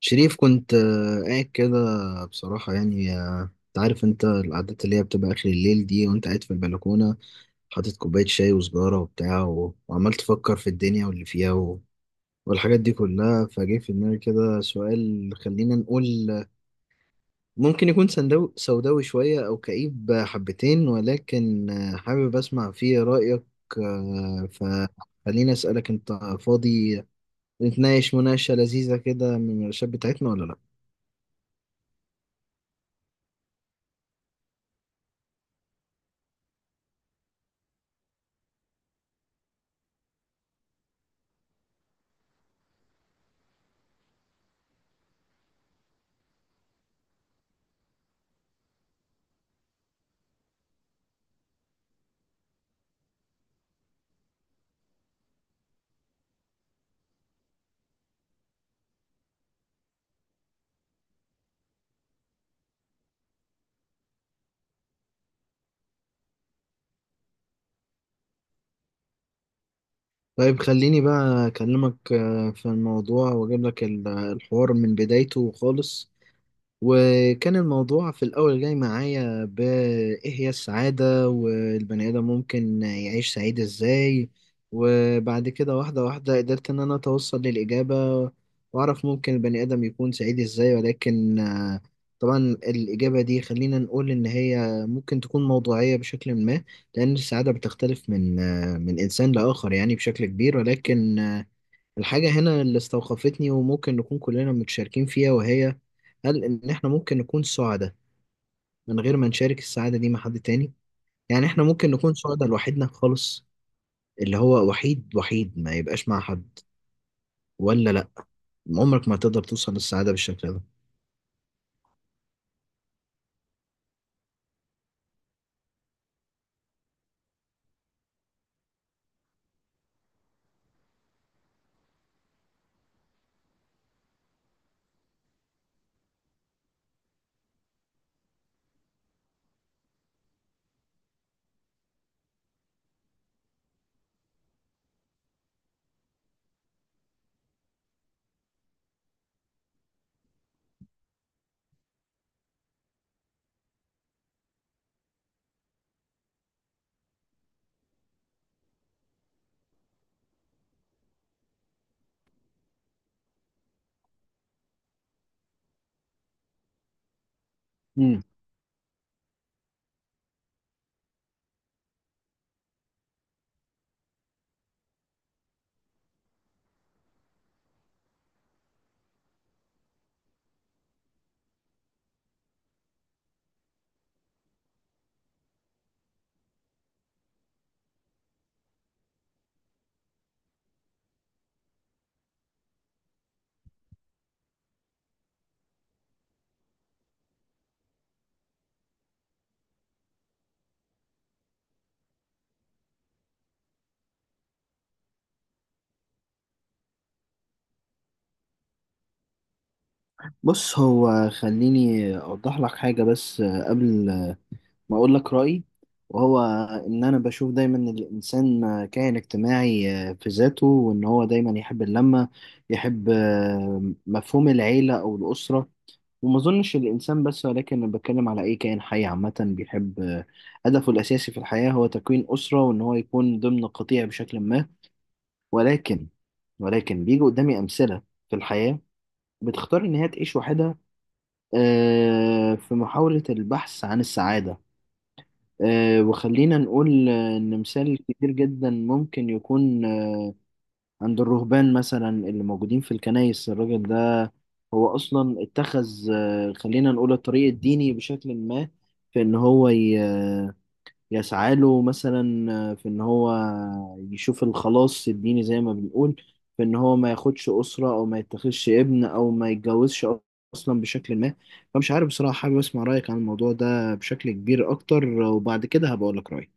شريف كنت قاعد كده. بصراحة انت عارف، انت القعدات اللي هي بتبقى آخر الليل دي وانت قاعد في البلكونة، حاطط كوباية شاي وسجارة وبتاع وعمال تفكر في الدنيا واللي فيها والحاجات دي كلها. فجه في دماغي كده سؤال، خلينا نقول ممكن يكون سوداوي شوية أو كئيب حبتين، ولكن حابب أسمع فيه رأيك. آه، فخليني أسألك، انت فاضي نتناقش مناقشة لذيذة كده من الشاب بتاعتنا ولا لأ؟ طيب خليني بقى أكلمك في الموضوع وأجيب لك الحوار من بدايته خالص. وكان الموضوع في الأول جاي معايا بإيه هي السعادة، والبني آدم ممكن يعيش سعيد إزاي. وبعد كده واحدة واحدة قدرت إن أنا أتوصل للإجابة وأعرف ممكن البني آدم يكون سعيد إزاي. ولكن طبعا الإجابة دي خلينا نقول إن هي ممكن تكون موضوعية بشكل ما، لأن السعادة بتختلف من من إنسان لآخر يعني بشكل كبير. ولكن الحاجة هنا اللي استوقفتني وممكن نكون كلنا متشاركين فيها، وهي هل إن إحنا ممكن نكون سعداء من غير ما نشارك السعادة دي مع حد تاني؟ يعني إحنا ممكن نكون سعداء لوحدنا خالص، اللي هو وحيد وحيد ما يبقاش مع حد، ولا لأ؟ عمرك ما تقدر توصل للسعادة بالشكل ده. مم. بص، هو خليني أوضح لك حاجة بس قبل ما اقول لك رايي. وهو ان انا بشوف دايما إن الانسان كائن اجتماعي في ذاته، وان هو دايما يحب اللمه، يحب مفهوم العيله او الاسره. وما اظنش الانسان بس، ولكن انا بتكلم على اي كائن حي عامه، بيحب هدفه الاساسي في الحياه هو تكوين اسره وان هو يكون ضمن قطيع بشكل ما. ولكن ولكن بيجي قدامي امثله في الحياه بتختار ان هي تعيش وحدها في محاوله البحث عن السعاده. وخلينا نقول إن مثال كتير جدا ممكن يكون عند الرهبان مثلا اللي موجودين في الكنائس. الراجل ده هو أصلا اتخذ خلينا نقول الطريق الديني بشكل ما، في إن هو يسعى له مثلا في إن هو يشوف الخلاص الديني زي ما بنقول، في إن هو ما ياخدش أسرة أو ما يتخذش ابن أو ما يتجوزش أصلا بشكل ما. فمش عارف بصراحة، حابب أسمع رأيك عن الموضوع ده بشكل كبير أكتر، وبعد كده هبقول لك رأيي.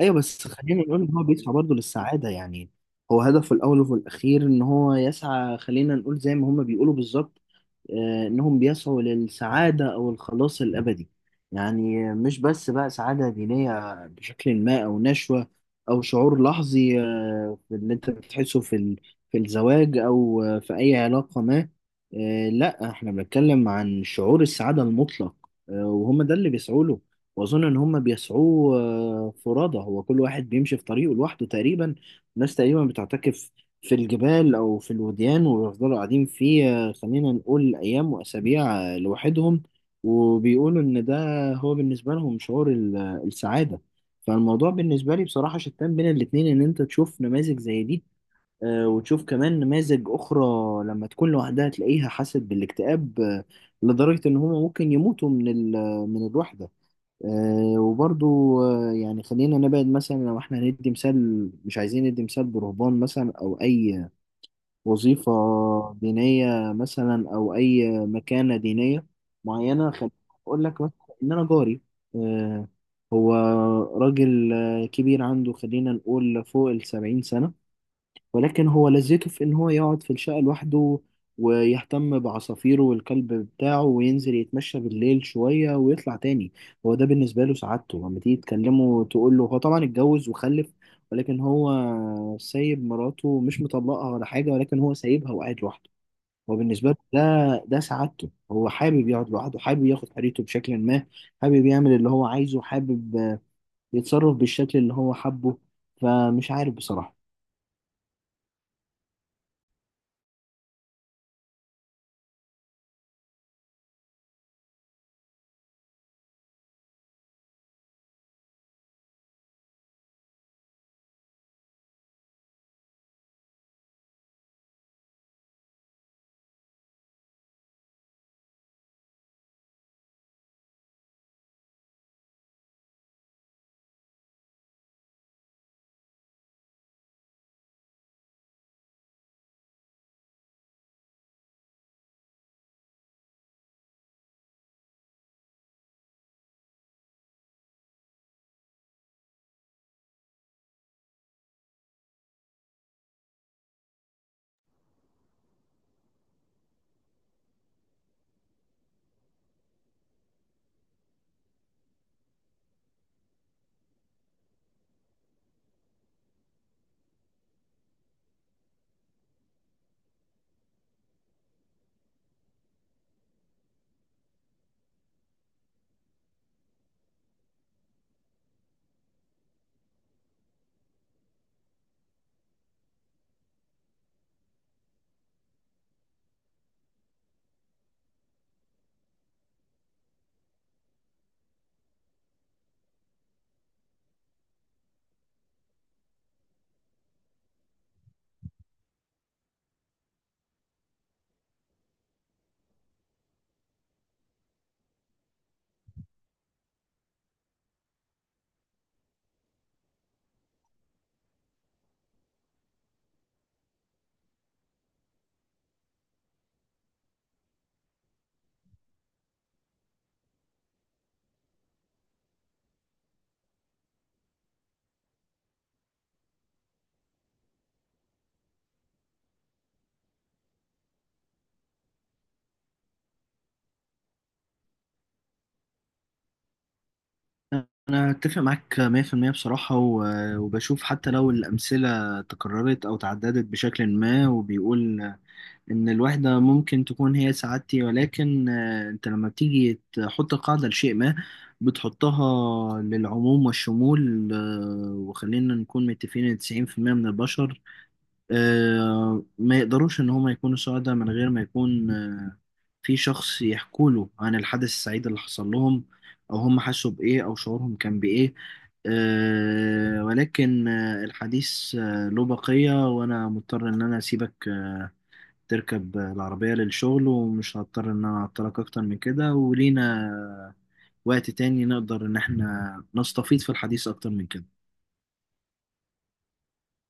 ايوه بس خلينا نقول ان هو بيسعى برضه للسعاده يعني، هو هدفه الاول وفي الاخير ان هو يسعى، خلينا نقول زي ما هما بيقولوا بالظبط إنهم بيسعوا للسعادة أو الخلاص الأبدي. يعني مش بس بقى سعادة دينية بشكل ما أو نشوة أو شعور لحظي في اللي أنت بتحسه في في الزواج أو في أي علاقة ما. لا، إحنا بنتكلم عن شعور السعادة المطلق. وهم ده اللي بيسعوا له. وأظن إن هم بيسعوه فرادى، هو كل واحد بيمشي في طريقه لوحده تقريبا. الناس تقريبا بتعتكف في الجبال أو في الوديان ويفضلوا قاعدين فيه خلينا نقول أيام وأسابيع لوحدهم. وبيقولوا إن ده هو بالنسبة لهم شعور السعادة. فالموضوع بالنسبة لي بصراحة شتان بين الاتنين، إن أنت تشوف نماذج زي دي وتشوف كمان نماذج أخرى لما تكون لوحدها تلاقيها حاسة بالاكتئاب لدرجة إن هما ممكن يموتوا من من الوحدة. وبرضو يعني خلينا نبعد مثلا، لو احنا هندي مثال، مش عايزين ندي مثال برهبان مثلا او اي وظيفة دينية مثلا أو أي مكانة دينية معينة. خليني أقول لك مثلا إن أنا جاري آه، هو راجل كبير عنده، خلينا نقول فوق السبعين سنة. ولكن هو لذته في إن هو يقعد في الشقة لوحده ويهتم بعصافيره والكلب بتاعه، وينزل يتمشى بالليل شوية ويطلع تاني. هو ده بالنسبة له سعادته. لما تيجي تكلمه تقول له، هو طبعا اتجوز وخلف، ولكن هو سايب مراته، مش مطلقها ولا حاجة، ولكن هو سايبها وقاعد لوحده. هو بالنسبة له ده سعادته. هو حابب يقعد لوحده، حابب ياخد حريته بشكل ما، حابب يعمل اللي هو عايزه، حابب يتصرف بالشكل اللي هو حبه. فمش عارف بصراحة. أنا أتفق معاك 100% بصراحة، وبشوف حتى لو الأمثلة تكررت أو تعددت بشكل ما وبيقول إن الوحدة ممكن تكون هي سعادتي، ولكن أنت لما بتيجي تحط قاعدة لشيء ما بتحطها للعموم والشمول. وخلينا نكون متفقين إن 90% من البشر ما يقدروش إن هما يكونوا سعداء من غير ما يكون في شخص يحكوا له عن الحدث السعيد اللي حصل لهم، او هم حسوا بايه او شعورهم كان بايه. أه، ولكن الحديث له بقية، وانا مضطر ان انا اسيبك تركب العربية للشغل، ومش هضطر ان انا اعطلك اكتر من كده. ولينا وقت تاني نقدر ان احنا نستفيد في الحديث اكتر من كده.